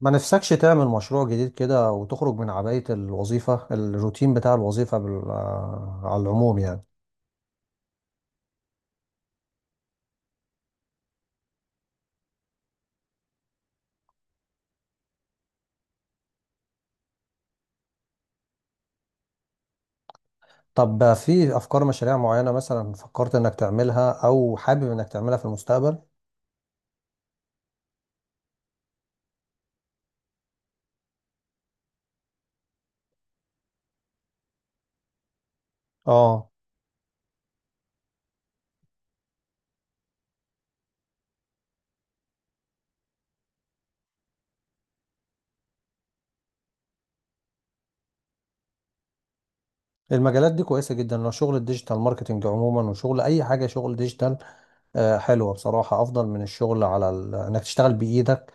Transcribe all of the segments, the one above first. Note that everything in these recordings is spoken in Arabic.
ما نفسكش تعمل مشروع جديد كده، وتخرج من عباية الوظيفة، الروتين بتاع الوظيفة بال... آه، على العموم يعني. طب، في أفكار مشاريع معينة مثلا فكرت إنك تعملها أو حابب إنك تعملها في المستقبل؟ آه المجالات دي كويسة جدا لو شغل الديجيتال ماركتينج عموما، وشغل أي حاجة شغل ديجيتال. حلوة بصراحة، أفضل من الشغل إنك تشتغل بإيدك،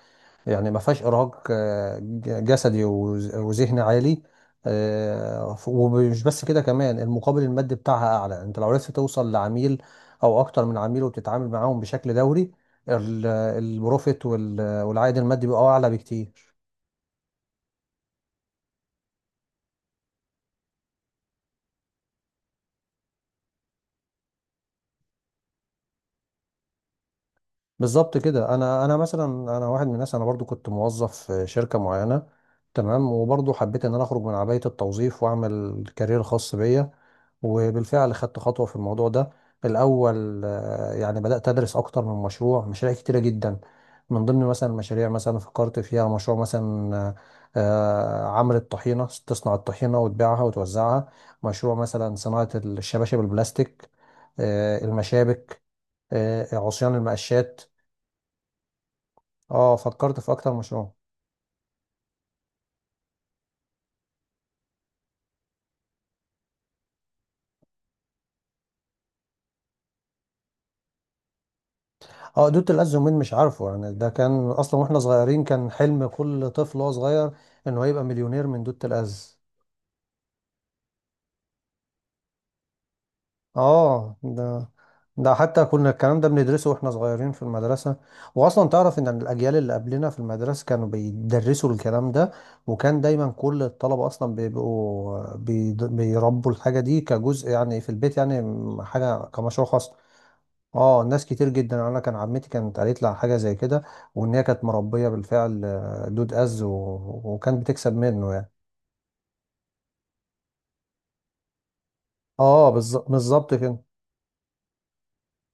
يعني ما فيهاش ارهاق جسدي وذهني عالي. ومش بس كده، كمان المقابل المادي بتاعها اعلى، انت لو عرفت توصل لعميل او اكتر من عميل وبتتعامل معاهم بشكل دوري، ال- البروفيت والعائد المادي بيبقى اعلى بكتير. بالظبط كده. انا مثلا، انا واحد من الناس، انا برضو كنت موظف في شركه معينه، تمام، وبرضو حبيت ان انا اخرج من عبايه التوظيف واعمل كارير خاص بيا، وبالفعل خدت خطوه في الموضوع ده. الاول يعني بدات ادرس اكتر من مشروع، مشاريع كتيره جدا، من ضمن مثلا مشاريع مثلا فكرت فيها مشروع مثلا، عمل الطحينه، تصنع الطحينه وتبيعها وتوزعها. مشروع مثلا صناعه الشباشب البلاستيك، المشابك، عصيان المقشات. اه، فكرت في اكتر مشروع. اه، دوت الأز، يومين مش عارفه، يعني ده كان اصلا واحنا صغيرين، كان حلم كل طفل وهو صغير انه يبقى مليونير من دوت الأز. اه، ده، ده حتى كنا الكلام ده بندرسه واحنا صغيرين في المدرسة. واصلا تعرف ان الاجيال اللي قبلنا في المدرسة كانوا بيدرسوا الكلام ده، وكان دايما كل الطلبة اصلا بيربوا الحاجة دي كجزء، يعني في البيت، يعني حاجة كمشروع خاص. اه، ناس كتير جدا، انا كان عمتي كانت قالت لي على حاجه زي كده، وان هي كانت مربيه بالفعل، دود از وكانت بتكسب منه يعني. اه، بالظبط كده.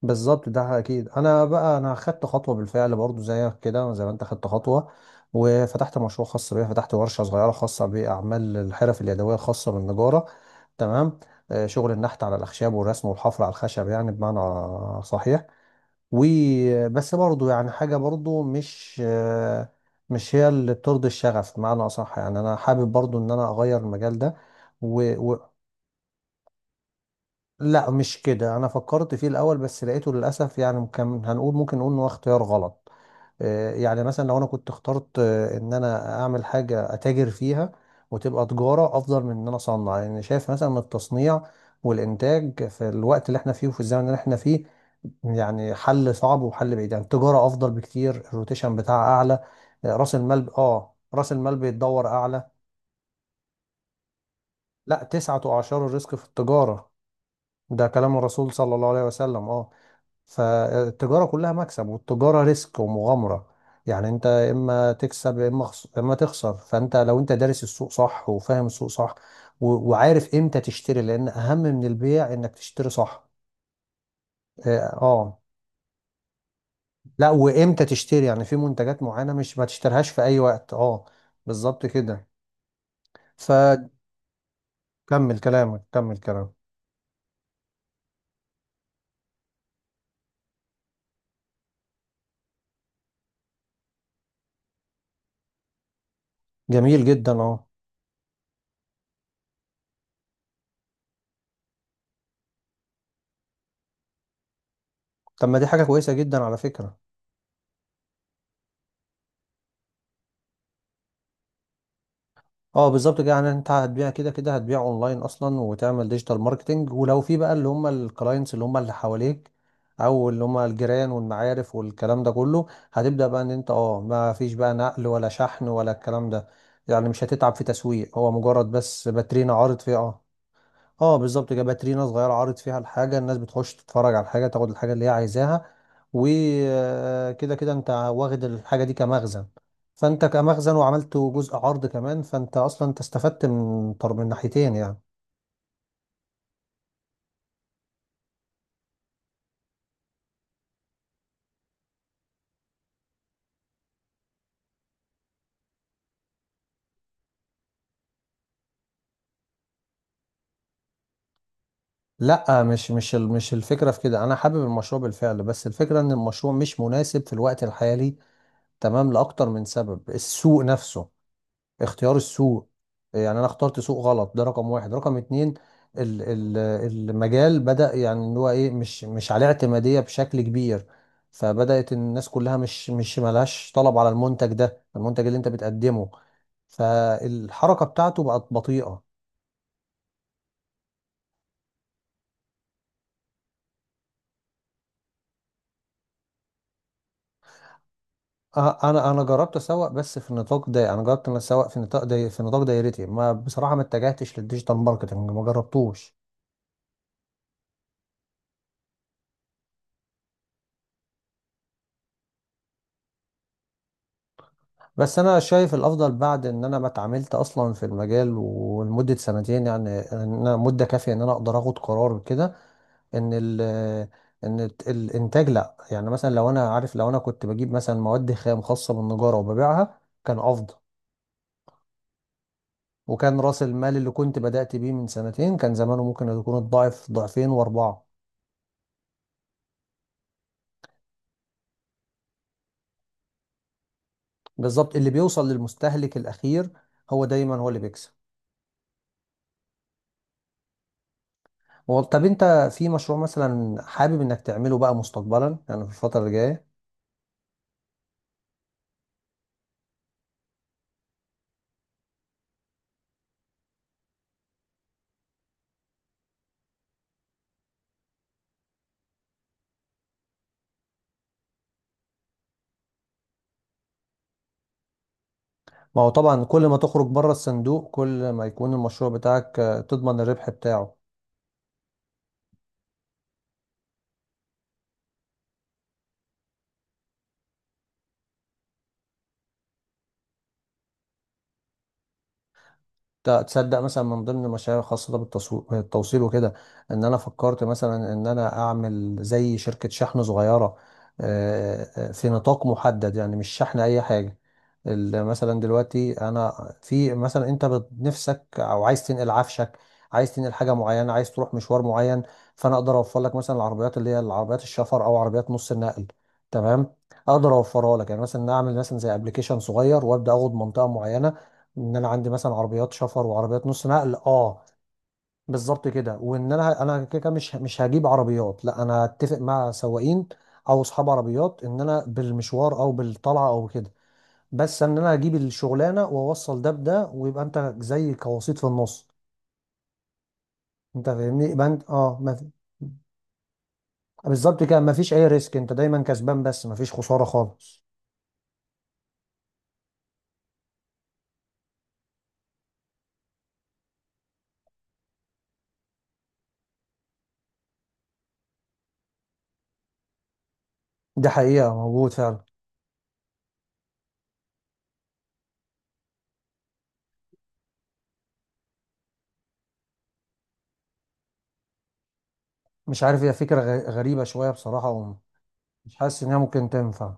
بالظبط ده. اكيد انا بقى، انا خدت خطوه بالفعل برضو زيك كده، زي ما انت خدت خطوه، وفتحت مشروع خاص بيا، فتحت ورشه صغيره خاصه باعمال الحرف اليدويه الخاصه بالنجاره، تمام، شغل النحت على الاخشاب والرسم والحفر على الخشب، يعني بمعنى صحيح. وبس برضو يعني حاجة برضو مش هي اللي بترضي الشغف، بمعنى أصح يعني أنا حابب برضو إن أنا أغير المجال ده و... و... لا مش كده، أنا فكرت فيه الأول بس لقيته للأسف يعني، كان هنقول، ممكن نقول إن هو اختيار غلط. يعني مثلا لو أنا كنت اخترت إن أنا أعمل حاجة أتاجر فيها، وتبقى تجارة أفضل من إن أنا أصنع، لأن يعني شايف مثلا إن التصنيع والإنتاج في الوقت اللي إحنا فيه وفي الزمن اللي إحنا فيه يعني حل صعب وحل بعيد. يعني التجارة أفضل بكتير، الروتيشن بتاعها أعلى، رأس المال، رأس المال بيتدور أعلى. لا، تسعة أعشار الرزق في التجارة. ده كلام الرسول صلى الله عليه وسلم، فالتجارة كلها مكسب، والتجارة ريسك ومغامرة، يعني أنت إما تكسب يا إما إما تخسر. فأنت لو أنت دارس السوق صح وفاهم السوق صح، وعارف إمتى تشتري، لأن أهم من البيع إنك تشتري صح. آه آه. لا، وامتى تشتري يعني، في منتجات معينة مش ما تشتريهاش في اي وقت، اه. بالظبط كده. فكمل كلامك، كمل كلامك. جميل جدا، اه. طب ما دي حاجة كويسة جدا على فكرة. اه بالظبط كده. يعني انت هتبيع كده كده، هتبيع اونلاين اصلا، وتعمل ديجيتال ماركتنج، ولو في بقى اللي هم الكلاينتس اللي هم اللي حواليك، او اللي هم الجيران والمعارف والكلام ده كله، هتبدأ بقى ان انت اه ما فيش بقى نقل ولا شحن ولا الكلام ده. يعني مش هتتعب في تسويق، هو مجرد بس باترينا عارض فيه، اه. اه بالظبط كده، باترينا صغيره عارض فيها الحاجه، الناس بتخش تتفرج على الحاجه، تاخد الحاجه اللي هي عايزاها، وكده كده انت واخد الحاجه دي كمخزن، فانت كمخزن وعملت جزء عرض كمان، فانت اصلا انت استفدت من ناحيتين يعني. لا مش الفكره في كده، انا حابب المشروع بالفعل، بس الفكره ان المشروع مش مناسب في الوقت الحالي، تمام، لاكتر من سبب. السوق نفسه، اختيار السوق، يعني انا اخترت سوق غلط، ده رقم واحد. رقم اتنين، ال- ال- المجال بدأ يعني ان هو ايه مش عليه اعتمادية بشكل كبير، فبدأت الناس كلها مش ملهاش طلب على المنتج ده، المنتج اللي انت بتقدمه، فالحركة بتاعته بقت بطيئة. انا، جربت اسوق بس في نطاق ده، انا جربت ان أنا اسوق في نطاق في نطاق دايرتي، ما بصراحة ما اتجهتش للديجيتال ماركتنج، ما جربتوش. بس انا شايف الافضل، بعد ان انا ما اتعاملت اصلا في المجال ولمده سنتين، يعني ان انا مده كافيه ان انا اقدر اخد قرار كده، ان ال ان الت- الانتاج، لا يعني مثلا لو انا عارف، لو انا كنت بجيب مثلا مواد خام خاصه بالنجاره وببيعها، كان افضل، وكان راس المال اللي كنت بدات بيه من سنتين كان زمانه ممكن يكون الضعف، ضعفين واربعه. بالظبط، اللي بيوصل للمستهلك الاخير هو دايما هو اللي بيكسب. طب انت في مشروع مثلا حابب انك تعمله بقى مستقبلا، يعني في الفتره الجايه؟ ما هو طبعا كل ما تخرج بره الصندوق، كل ما يكون المشروع بتاعك تضمن الربح بتاعه. تصدق مثلا من ضمن المشاريع الخاصة بالتوصيل وكده، ان انا فكرت مثلا ان انا اعمل زي شركة شحن صغيرة، في نطاق محدد، يعني مش شحن اي حاجة، مثلا دلوقتي انا في مثلا، انت نفسك او عايز تنقل عفشك، عايز تنقل حاجة معينة، عايز تروح مشوار معين، فانا اقدر اوفر لك مثلا العربيات، اللي هي العربيات الشفر او عربيات نص النقل، تمام، اقدر اوفرها لك يعني، مثلا اعمل مثلا زي ابلكيشن صغير، وابدا اخد منطقة معينة، ان انا عندي مثلا عربيات شفر وعربيات نص نقل، اه. بالظبط كده. وان انا، انا كده كده مش هجيب عربيات، لا انا اتفق مع سواقين او اصحاب عربيات، ان انا بالمشوار او بالطلعه او كده، بس ان انا اجيب الشغلانه، واوصل ده بده، ويبقى انت زي كوسيط في النص. انت فاهمني، يبقى انت اه ما في... بالظبط كده، ما فيش اي ريسك، انت دايما كسبان، بس ما فيش خساره خالص. دي حقيقه موجود فعلا. مش عارف، هي فكره غريبه شويه بصراحه، ومش حاسس ان هي ممكن تنفع.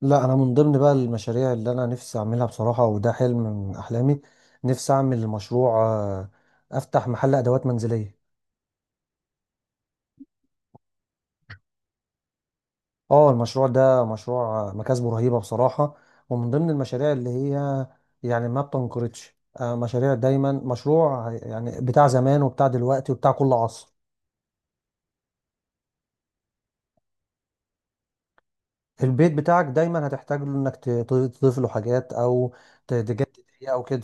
لا، انا من ضمن بقى المشاريع اللي انا نفسي اعملها بصراحه، وده حلم من احلامي، نفسي اعمل مشروع، افتح محل ادوات منزليه. اه، المشروع ده مشروع مكاسبه رهيبه بصراحه، ومن ضمن المشاريع اللي هي يعني ما بتنقرضش، مشاريع دايما، مشروع يعني بتاع زمان وبتاع دلوقتي وبتاع كل عصر. البيت بتاعك دايما هتحتاج له انك تضيف له حاجات او تجدد فيه او كده.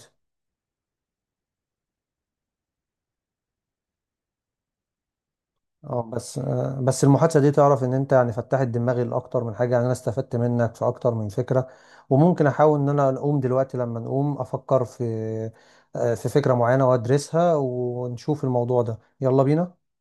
اه، بس بس المحادثه دي، تعرف ان انت يعني فتحت دماغي لاكتر من حاجه، يعني انا استفدت منك في اكتر من فكره، وممكن احاول ان انا اقوم دلوقتي لما نقوم افكر في في فكره معينه وادرسها ونشوف الموضوع ده. يلا بينا.